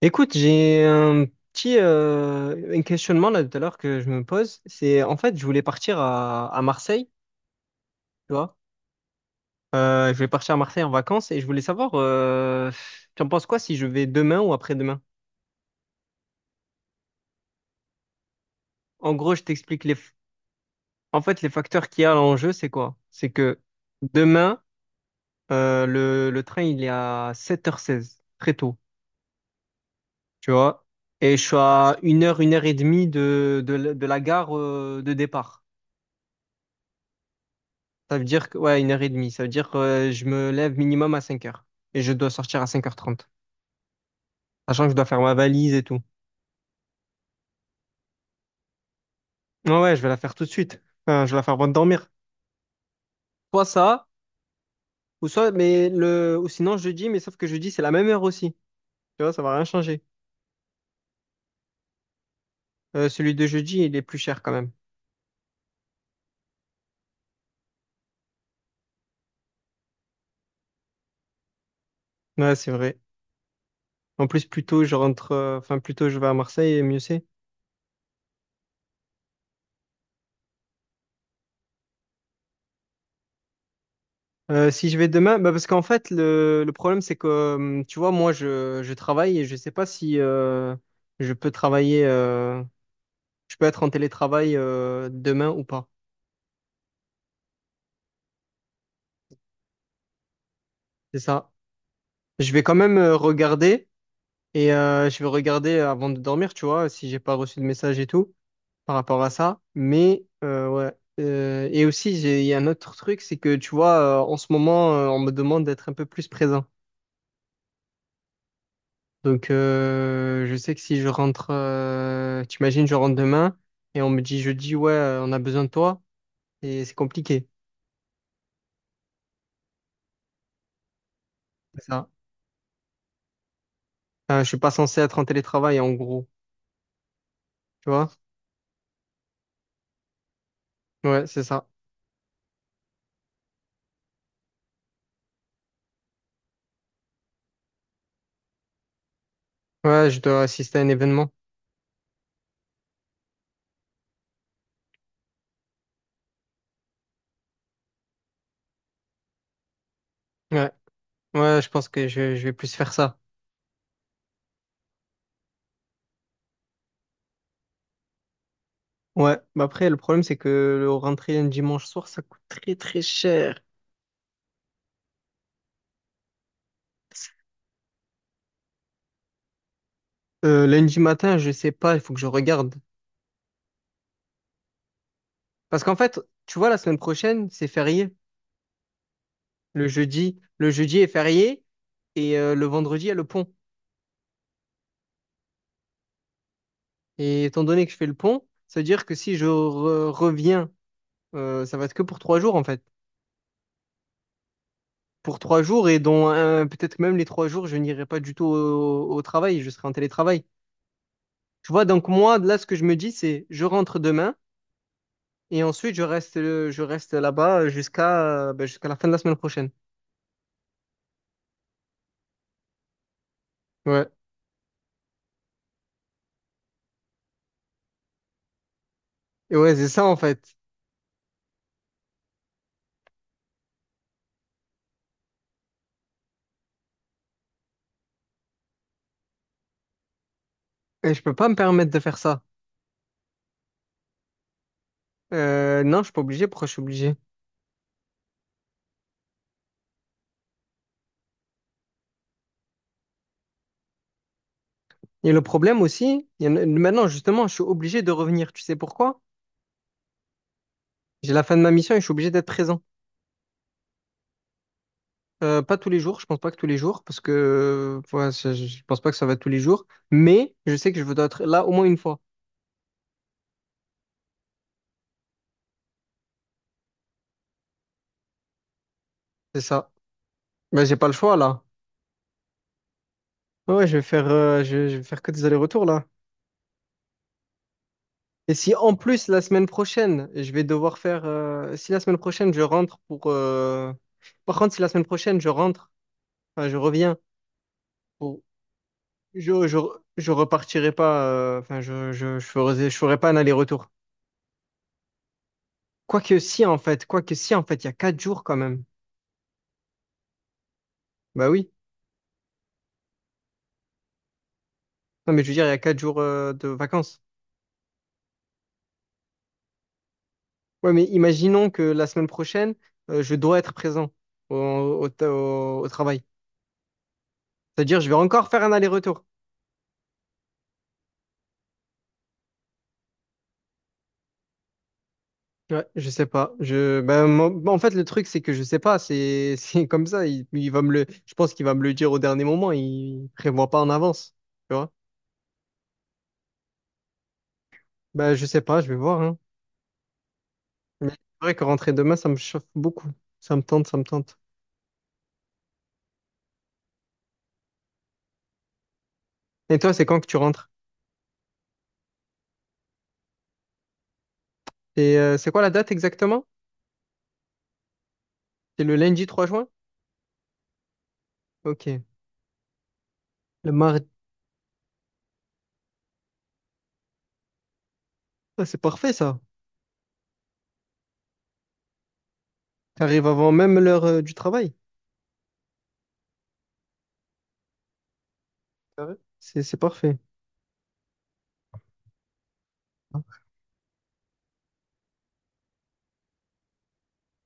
Écoute, j'ai un petit un questionnement là tout à l'heure que je me pose. C'est en fait, je voulais partir à Marseille, tu vois. Je voulais partir à Marseille en vacances et je voulais savoir, tu en penses quoi si je vais demain ou après-demain? En gros, je t'explique en fait, les facteurs qu'il y a en jeu, c'est quoi? C'est que demain, le train, il est à 7h16, très tôt, tu vois. Et je suis à 1h, 1h30 de la gare de départ. Ça veut dire que, ouais, une heure et demie. Ça veut dire que je me lève minimum à 5 heures. Et je dois sortir à 5 heures 30. Sachant que je dois faire ma valise et tout. Ouais, ouais, je vais la faire tout de suite. Enfin, je vais la faire avant de dormir. Soit ça, ou soit, ou sinon jeudi, mais sauf que jeudi, c'est la même heure aussi. Tu vois, ça va rien changer. Celui de jeudi, il est plus cher quand même. Ouais, c'est vrai. En plus, plus tôt, je rentre, enfin, plus tôt, je vais à Marseille, et mieux c'est. Si je vais demain, bah parce qu'en fait, le problème, c'est que, tu vois, moi, je travaille et je sais pas si je peux travailler. Je peux être en télétravail demain ou pas. C'est ça. Je vais quand même regarder et je vais regarder avant de dormir, tu vois, si j'ai pas reçu de message et tout par rapport à ça. Mais ouais. Et aussi, il y a un autre truc, c'est que tu vois, en ce moment, on me demande d'être un peu plus présent. Donc, je sais que si je rentre, t'imagines, je rentre demain et on me dit jeudi, ouais, on a besoin de toi et c'est compliqué. C'est ça. Enfin, je suis pas censé être en télétravail en gros, tu vois? Ouais, c'est ça. Ouais, je dois assister à un événement. Ouais, ouais, je pense que je vais plus faire ça. Ouais, bah après, le problème, c'est que le rentrer un dimanche soir, ça coûte très très cher. Lundi matin, je sais pas, il faut que je regarde. Parce qu'en fait, tu vois, la semaine prochaine, c'est férié. Le jeudi est férié et le vendredi, il y a le pont. Et étant donné que je fais le pont, ça veut dire que si je reviens, ça va être que pour 3 jours en fait. Pour trois jours et dont un- peut-être même les 3 jours, je n'irai pas du tout au travail, je serai en télétravail. Tu vois, donc moi, là, ce que je me dis, c'est je rentre demain et ensuite je reste là-bas jusqu'à ben, jusqu'à la fin de la semaine prochaine. Ouais. Et ouais, c'est ça en fait. Et je peux pas me permettre de faire ça. Non, je suis pas obligé. Pourquoi je suis obligé? Et le problème aussi, il y en a- maintenant justement, je suis obligé de revenir. Tu sais pourquoi? J'ai la fin de ma mission et je suis obligé d'être présent. Pas tous les jours, je pense pas que tous les jours, parce que ouais, je pense pas que ça va être tous les jours. Mais je sais que je dois être là au moins une fois. C'est ça. Ben, j'ai pas le choix là. Ouais, ouais, je vais faire, je vais faire que des allers-retours là. Et si en plus la semaine prochaine, je vais devoir faire. Si la semaine prochaine je rentre pour. Euh, par contre, si la semaine prochaine je rentre, enfin je reviens, pour... je, je, je repartirai pas. Euh, enfin, je ferai pas un aller-retour. Quoique si en fait, il y a 4 jours quand même. Bah oui. Non, mais je veux dire, il y a quatre jours de vacances. Ouais, mais imaginons que la semaine prochaine, je dois être présent au travail. C'est-à-dire, je vais encore faire un aller-retour. Ouais, je sais pas. En fait, le truc, c'est que je sais pas. C'est, c'est comme ça. Il va me le, je pense qu'il va me le dire au dernier moment. Il prévoit pas en avance. Tu vois? Ben, je sais pas. Je vais voir, hein. Mais c'est vrai que rentrer demain, ça me chauffe beaucoup. Ça me tente, ça me tente. Et toi, c'est quand que tu rentres? Et c'est quoi la date exactement? C'est le lundi 3 juin? Ok. Le mardi. Ah, c'est parfait, ça. T'arrives avant même l'heure du travail. Ah ouais. C'est parfait.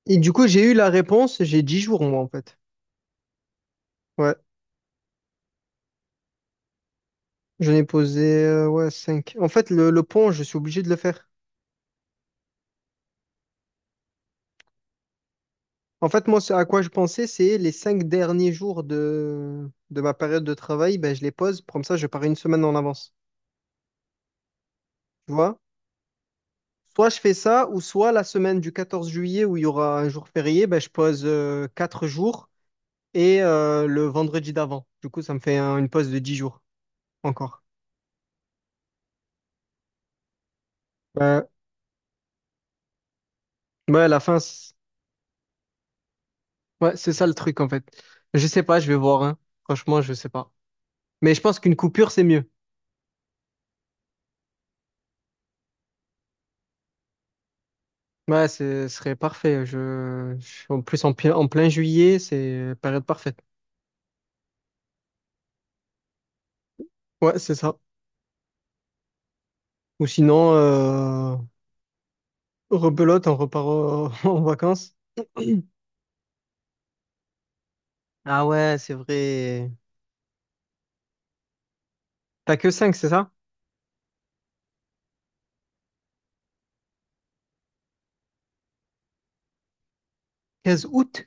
Et du coup, j'ai eu la réponse. J'ai 10 jours, moi, en fait. Ouais. J'en ai posé ouais, 5. En fait, le pont, je suis obligé de le faire. En fait, moi, ce à quoi je pensais, c'est les cinq derniers jours de ma période de travail, ben, je les pose. Comme ça, je pars une semaine en avance. Tu vois? Soit je fais ça, ou soit la semaine du 14 juillet, où il y aura un jour férié, ben, je pose 4 jours et le vendredi d'avant. Du coup, ça me fait une pause de 10 jours encore. Ouais, ouais, à la fin, c'est- ouais, c'est ça le truc, en fait. Je sais pas, je vais voir, hein. Franchement, je sais pas. Mais je pense qu'une coupure, c'est mieux. Ouais, ce serait parfait. En plus, en plein juillet, c'est période parfaite. Ouais, c'est ça. Ou sinon, rebelote, en vacances. Ah ouais, c'est vrai. T'as que 5 c'est ça? Quinze août?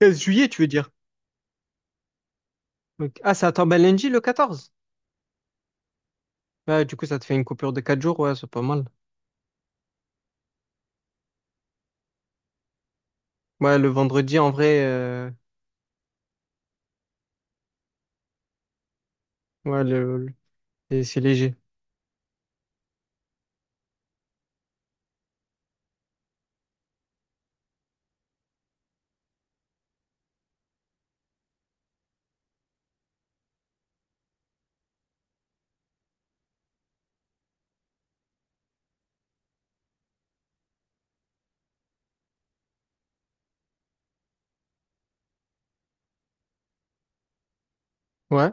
Quinze juillet, tu veux dire? Donc- ah, ça tombe à lundi, le 14. Ouais, du coup, ça te fait une coupure de 4 jours. Ouais, c'est pas mal. Ouais, le vendredi, en vrai, ouais, le, le- c'est léger. Ouais.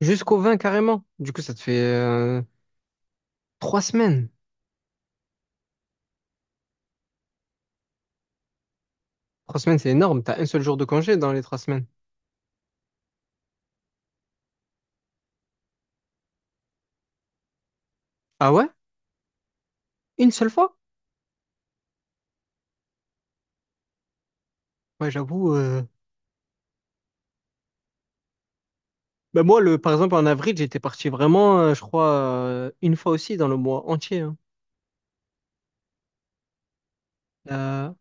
Jusqu'au 20 carrément. Du coup, ça te fait 3 semaines. Trois semaines, c'est énorme. T'as un seul jour de congé dans les 3 semaines. Ah ouais? Une seule fois? Ouais, j'avoue. Euh, bah moi, le... par exemple, en avril, j'étais parti vraiment, je crois, une fois aussi dans le mois entier, hein. Euh,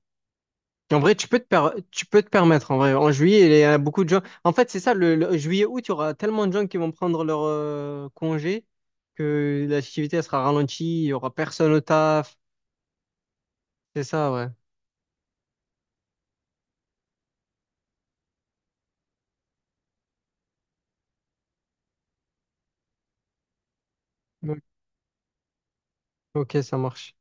et en vrai, tu peux te permettre. En vrai, en juillet, il y a beaucoup de gens. En fait, c'est ça, le juillet, août, il y aura tellement de gens qui vont prendre leur congé que l'activité elle sera ralentie, il y aura personne au taf. C'est ça, ouais. Donc, ok, ça marche.